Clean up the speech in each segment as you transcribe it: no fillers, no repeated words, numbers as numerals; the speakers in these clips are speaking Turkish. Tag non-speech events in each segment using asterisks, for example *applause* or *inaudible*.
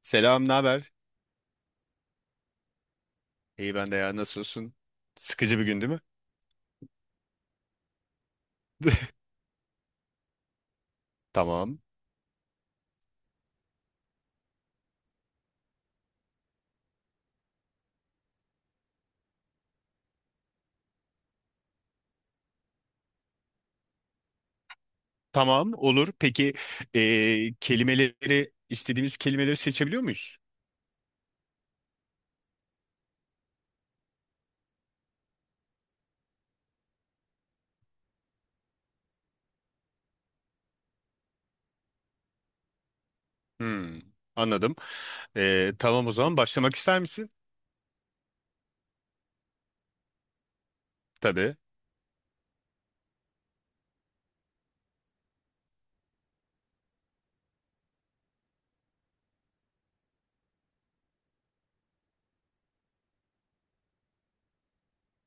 Selam, ne haber? İyi ben de ya, nasılsın? Sıkıcı bir gün değil mi? *laughs* Tamam. Tamam, olur. Peki kelimeleri, istediğimiz kelimeleri seçebiliyor muyuz? Hmm, anladım. Tamam o zaman başlamak ister misin? Tabii.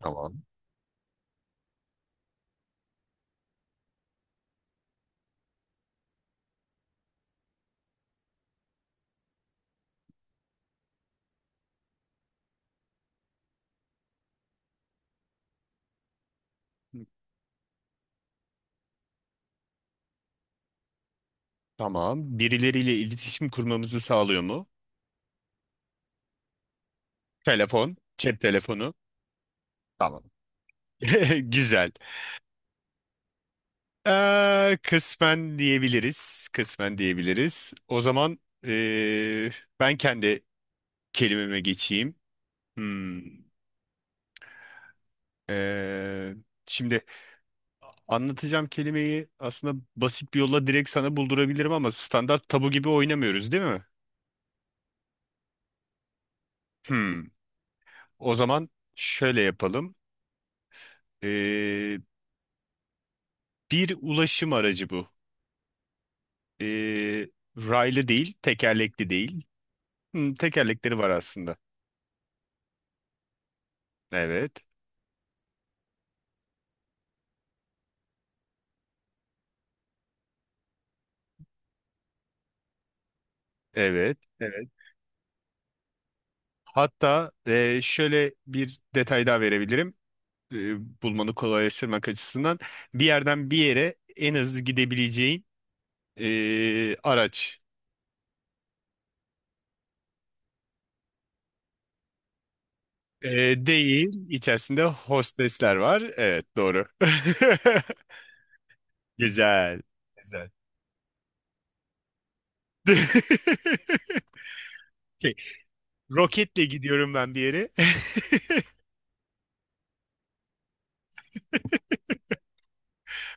Tamam. Tamam. Birileriyle iletişim kurmamızı sağlıyor mu? Telefon, cep telefonu. Tamam. *laughs* Güzel. Kısmen diyebiliriz. Kısmen diyebiliriz. O zaman ben kendi kelimeme geçeyim. Hmm. Ee, Şimdi anlatacağım kelimeyi aslında basit bir yolla direkt sana buldurabilirim ama standart tabu gibi oynamıyoruz değil mi? Hmm. O zaman şöyle yapalım. Ee, Bir ulaşım aracı bu. Ee, Raylı değil, tekerlekli değil. Hmm, tekerlekleri var aslında. Evet, evet, evet. Hatta şöyle bir detay daha verebilirim. Bulmanı kolaylaştırmak açısından bir yerden bir yere en hızlı gidebileceğin araç. E, değil, içerisinde hostesler var. Evet, doğru. *laughs* Güzel, güzel. *laughs* Okey, roketle gidiyorum ben bir yere. *laughs*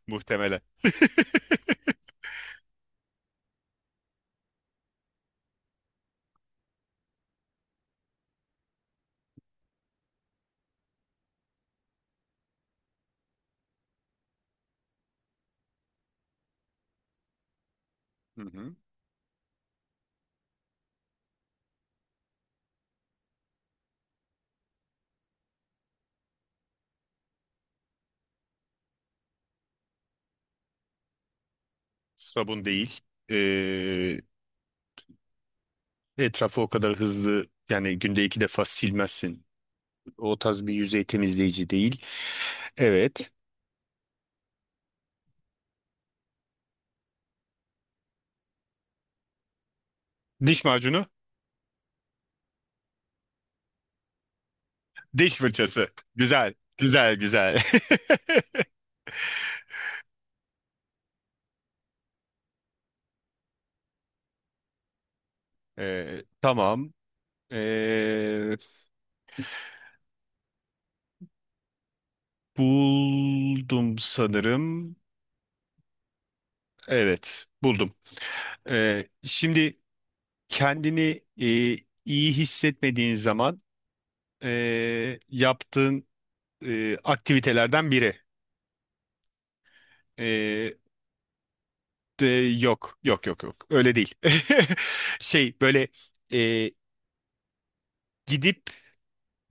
Muhtemelen. *laughs* Hı hı. Sabun değil. Ee, Etrafı o kadar hızlı yani günde iki defa silmezsin. O tarz bir yüzey temizleyici değil. Evet. Diş macunu. Diş fırçası. Güzel. Güzel, güzel. *laughs* Tamam. Ee, Buldum sanırım. Evet, buldum. Şimdi kendini e, iyi hissetmediğin zaman yaptığın aktivitelerden biri. Ee, de, Yok, yok, yok, yok. Öyle değil. *laughs* Şey, böyle e, gidip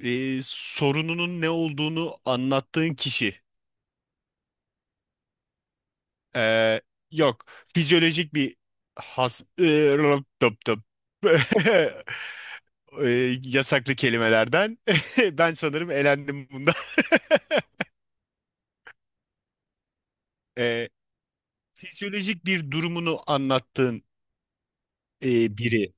sorununun ne olduğunu anlattığın kişi. Ee, Yok. Fizyolojik bir has... Ee, tıp, tıp. *laughs* Yasaklı kelimelerden. *laughs* Ben sanırım elendim bunda. Ee, Fizyolojik bir durumunu anlattığın biri.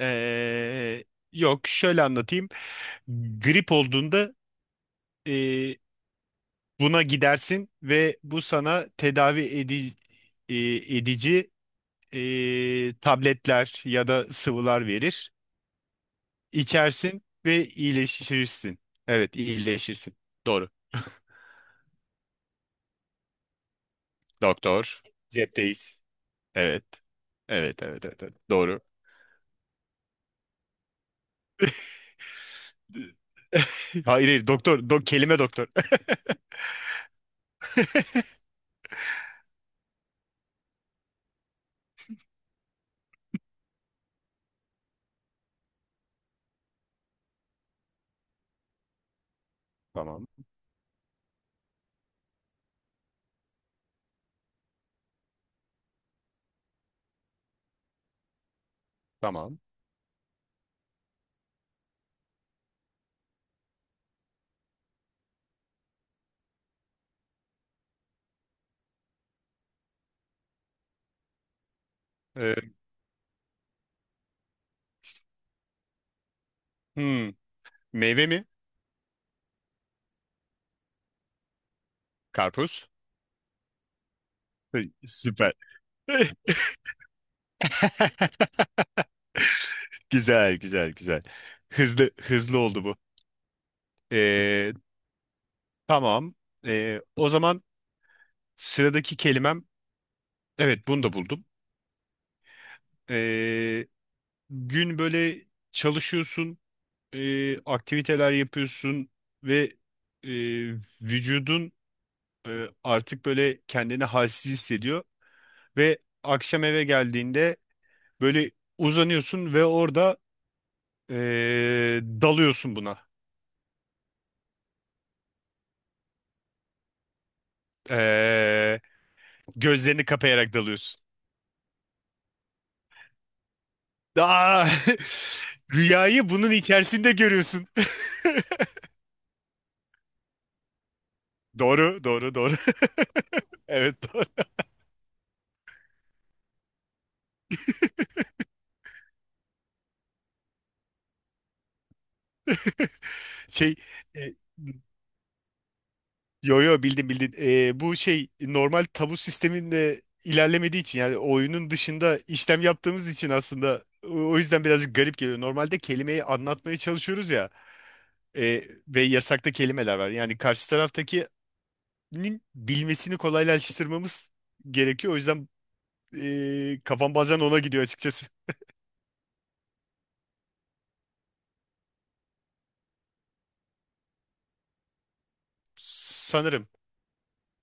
Ee, Yok, şöyle anlatayım. Grip olduğunda ee, buna gidersin ve bu sana edici tabletler ya da sıvılar verir. İçersin ve iyileşirsin. Evet, iyileşirsin. Doğru. Doktor. Cepteyiz. Evet. Evet, evet, evet, evet. Doğru. *laughs* Hayır, hayır. Kelime doktor. *laughs* Tamam. Tamam. Ee, hmm, meyve mi? Karpuz. *laughs* Süper. *laughs* Güzel, güzel, güzel. Hızlı, hızlı oldu bu. Ee, tamam. O zaman sıradaki kelimem. Evet, bunu da buldum. Ee, Gün böyle çalışıyorsun. Aktiviteler yapıyorsun ve e, vücudun artık böyle kendini halsiz hissediyor ve akşam eve geldiğinde böyle uzanıyorsun ve orada dalıyorsun buna. E, gözlerini kapayarak dalıyorsun. Aa, *laughs* rüyayı bunun içerisinde görüyorsun. *laughs* Doğru, doğru, doğru. *laughs* Evet, doğru. Şey, e, Yo yo, bildim, bildim. Bu şey normal tabu sisteminde ilerlemediği için yani oyunun dışında işlem yaptığımız için aslında o yüzden birazcık garip geliyor. Normalde kelimeyi anlatmaya çalışıyoruz ya ve yasakta kelimeler var. Yani karşı taraftakinin bilmesini kolaylaştırmamız gerekiyor. O yüzden kafam bazen ona gidiyor açıkçası. Sanırım,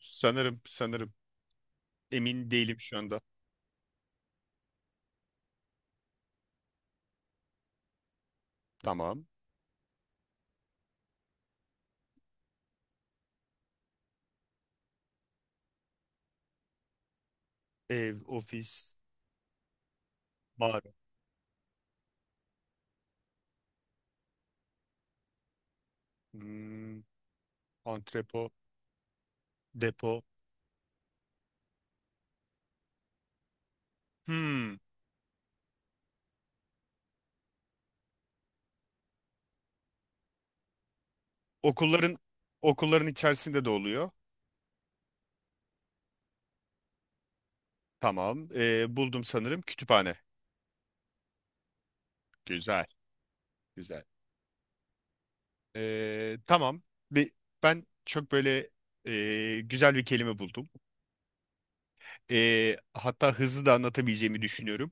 sanırım, sanırım. Emin değilim şu anda. Tamam. Ev, ofis, mağara, hmm, antrepo, depo. Hmm. Okulların okulların içerisinde de oluyor. Tamam. Buldum sanırım, kütüphane. Güzel, güzel. Tamam. Bir, ben çok böyle güzel bir kelime buldum. Hatta hızlı da anlatabileceğimi düşünüyorum.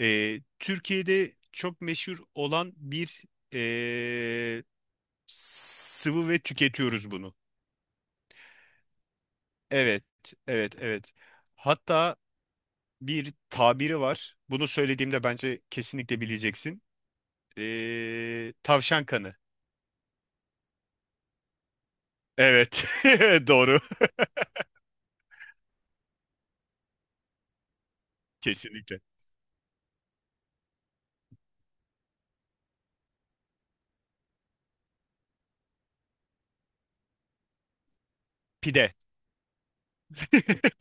Türkiye'de çok meşhur olan bir e, sıvı ve tüketiyoruz bunu. Evet, evet, evet. Hatta bir tabiri var. Bunu söylediğimde bence kesinlikle bileceksin. Tavşan kanı. Evet. *laughs* Doğru. Kesinlikle. Pide. *laughs*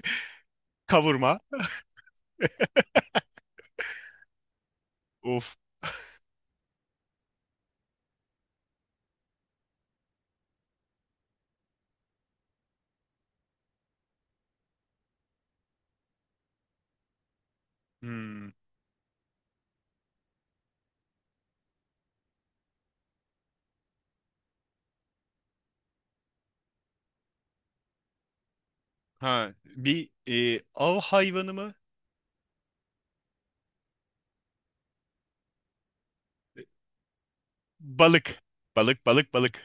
Kavurma. Of. Hmm. Ha, bir av hayvanı mı? Balık. Balık, balık, balık.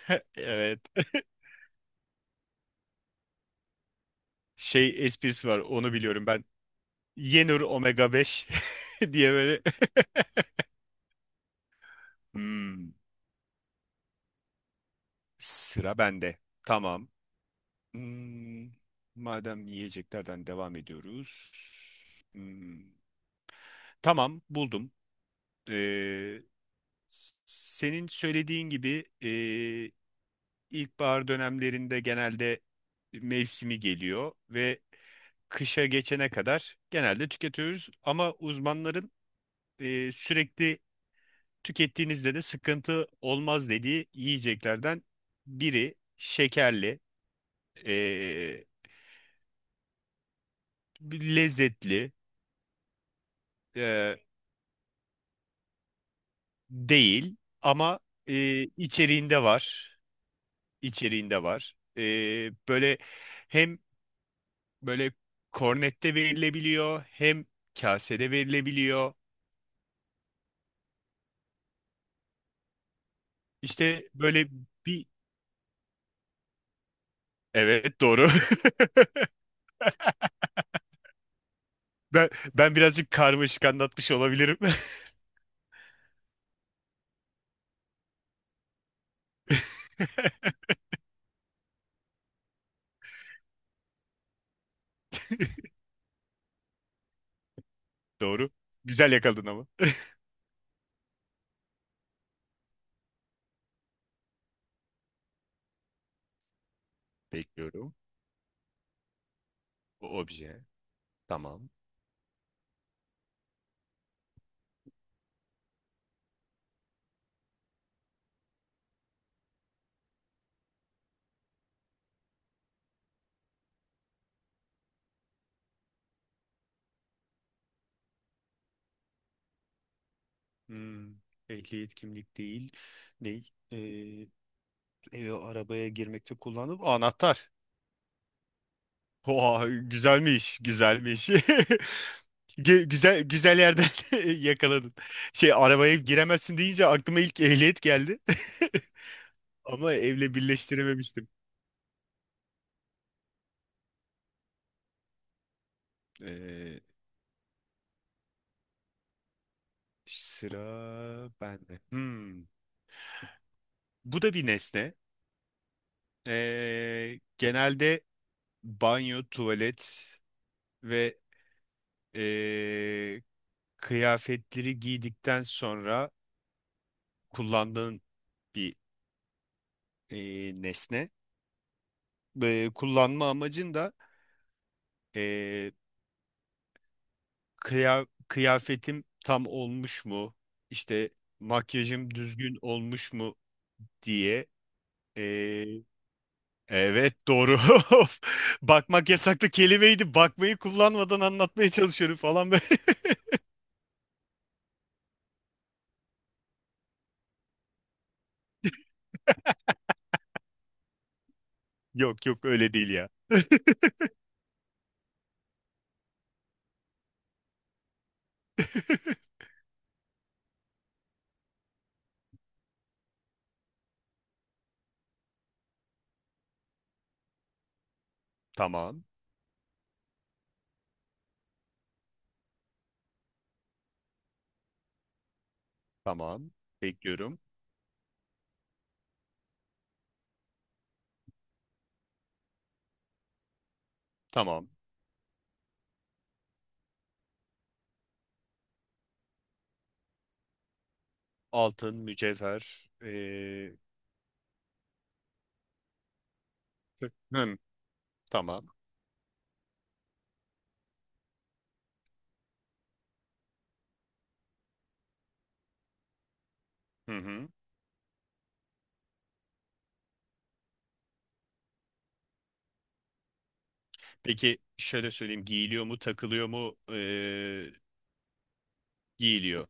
*laughs* Evet. Şey esprisi var. Onu biliyorum ben. Yenur omega 5 *laughs* diye böyle. *laughs* Hmm. Sıra bende. Tamam. Hmm. Madem yiyeceklerden devam ediyoruz. Hmm. Tamam, buldum. Ee, Senin söylediğin gibi ilkbahar dönemlerinde genelde mevsimi geliyor ve kışa geçene kadar genelde tüketiyoruz. Ama uzmanların sürekli tükettiğinizde de sıkıntı olmaz dediği yiyeceklerden biri şekerli, eee, lezzetli eee, değil ama içeriğinde var, içeriğinde var. Böyle hem böyle kornette verilebiliyor hem kasede verilebiliyor. İşte böyle bir evet doğru. *laughs* Ben ben birazcık karmaşık anlatmış olabilirim. *laughs* Doğru. Güzel yakaladın ama. Bekliyorum. O obje. Tamam. Hmm, ehliyet, kimlik değil. Ney? Eve, arabaya girmekte kullandım. Anahtar. Oha, güzelmiş, güzelmiş. *laughs* Güzel, güzel yerden *laughs* yakaladın. Şey, arabaya giremezsin deyince aklıma ilk ehliyet geldi. *laughs* Ama evle birleştirememiştim. Ee, Sıra bende. Hmm. Bu da bir nesne. Genelde banyo, tuvalet ve ee, kıyafetleri giydikten sonra kullandığın bir nesne. Kullanma amacın da Ee, kıyafetim tam olmuş mu? İşte, makyajım düzgün olmuş mu diye. Ee, evet doğru. *laughs* Of, bakmak yasaklı kelimeydi. Bakmayı kullanmadan anlatmaya çalışıyorum falan ben. *laughs* Yok yok, öyle değil ya. *laughs* Tamam. Tamam. Bekliyorum. Tamam. Altın, mücevher. Hım, tamam. Hı hı. Peki şöyle söyleyeyim. Giyiliyor mu, takılıyor mu? Giyiliyor.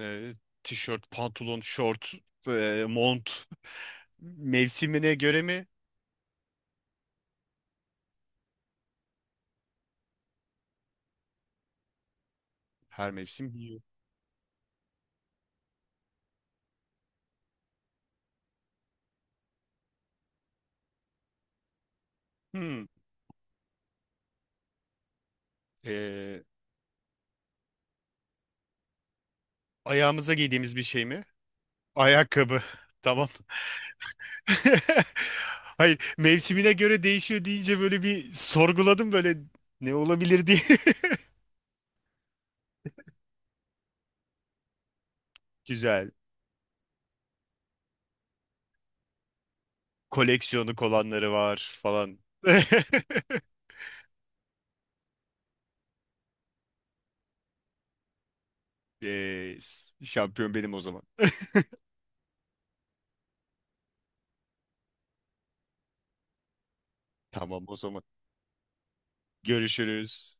e, Tişört, pantolon, şort, mont, mevsimine göre mi? Her mevsim giyiyor. Hmm. E, ayağımıza giydiğimiz bir şey mi? Ayakkabı. *laughs* Tamam. *laughs* Hayır, mevsimine göre değişiyor deyince böyle bir sorguladım, böyle ne olabilir diye. *laughs* Güzel. Koleksiyonu olanları var falan. *laughs* E, şampiyon benim o zaman. Tamam o zaman. Görüşürüz.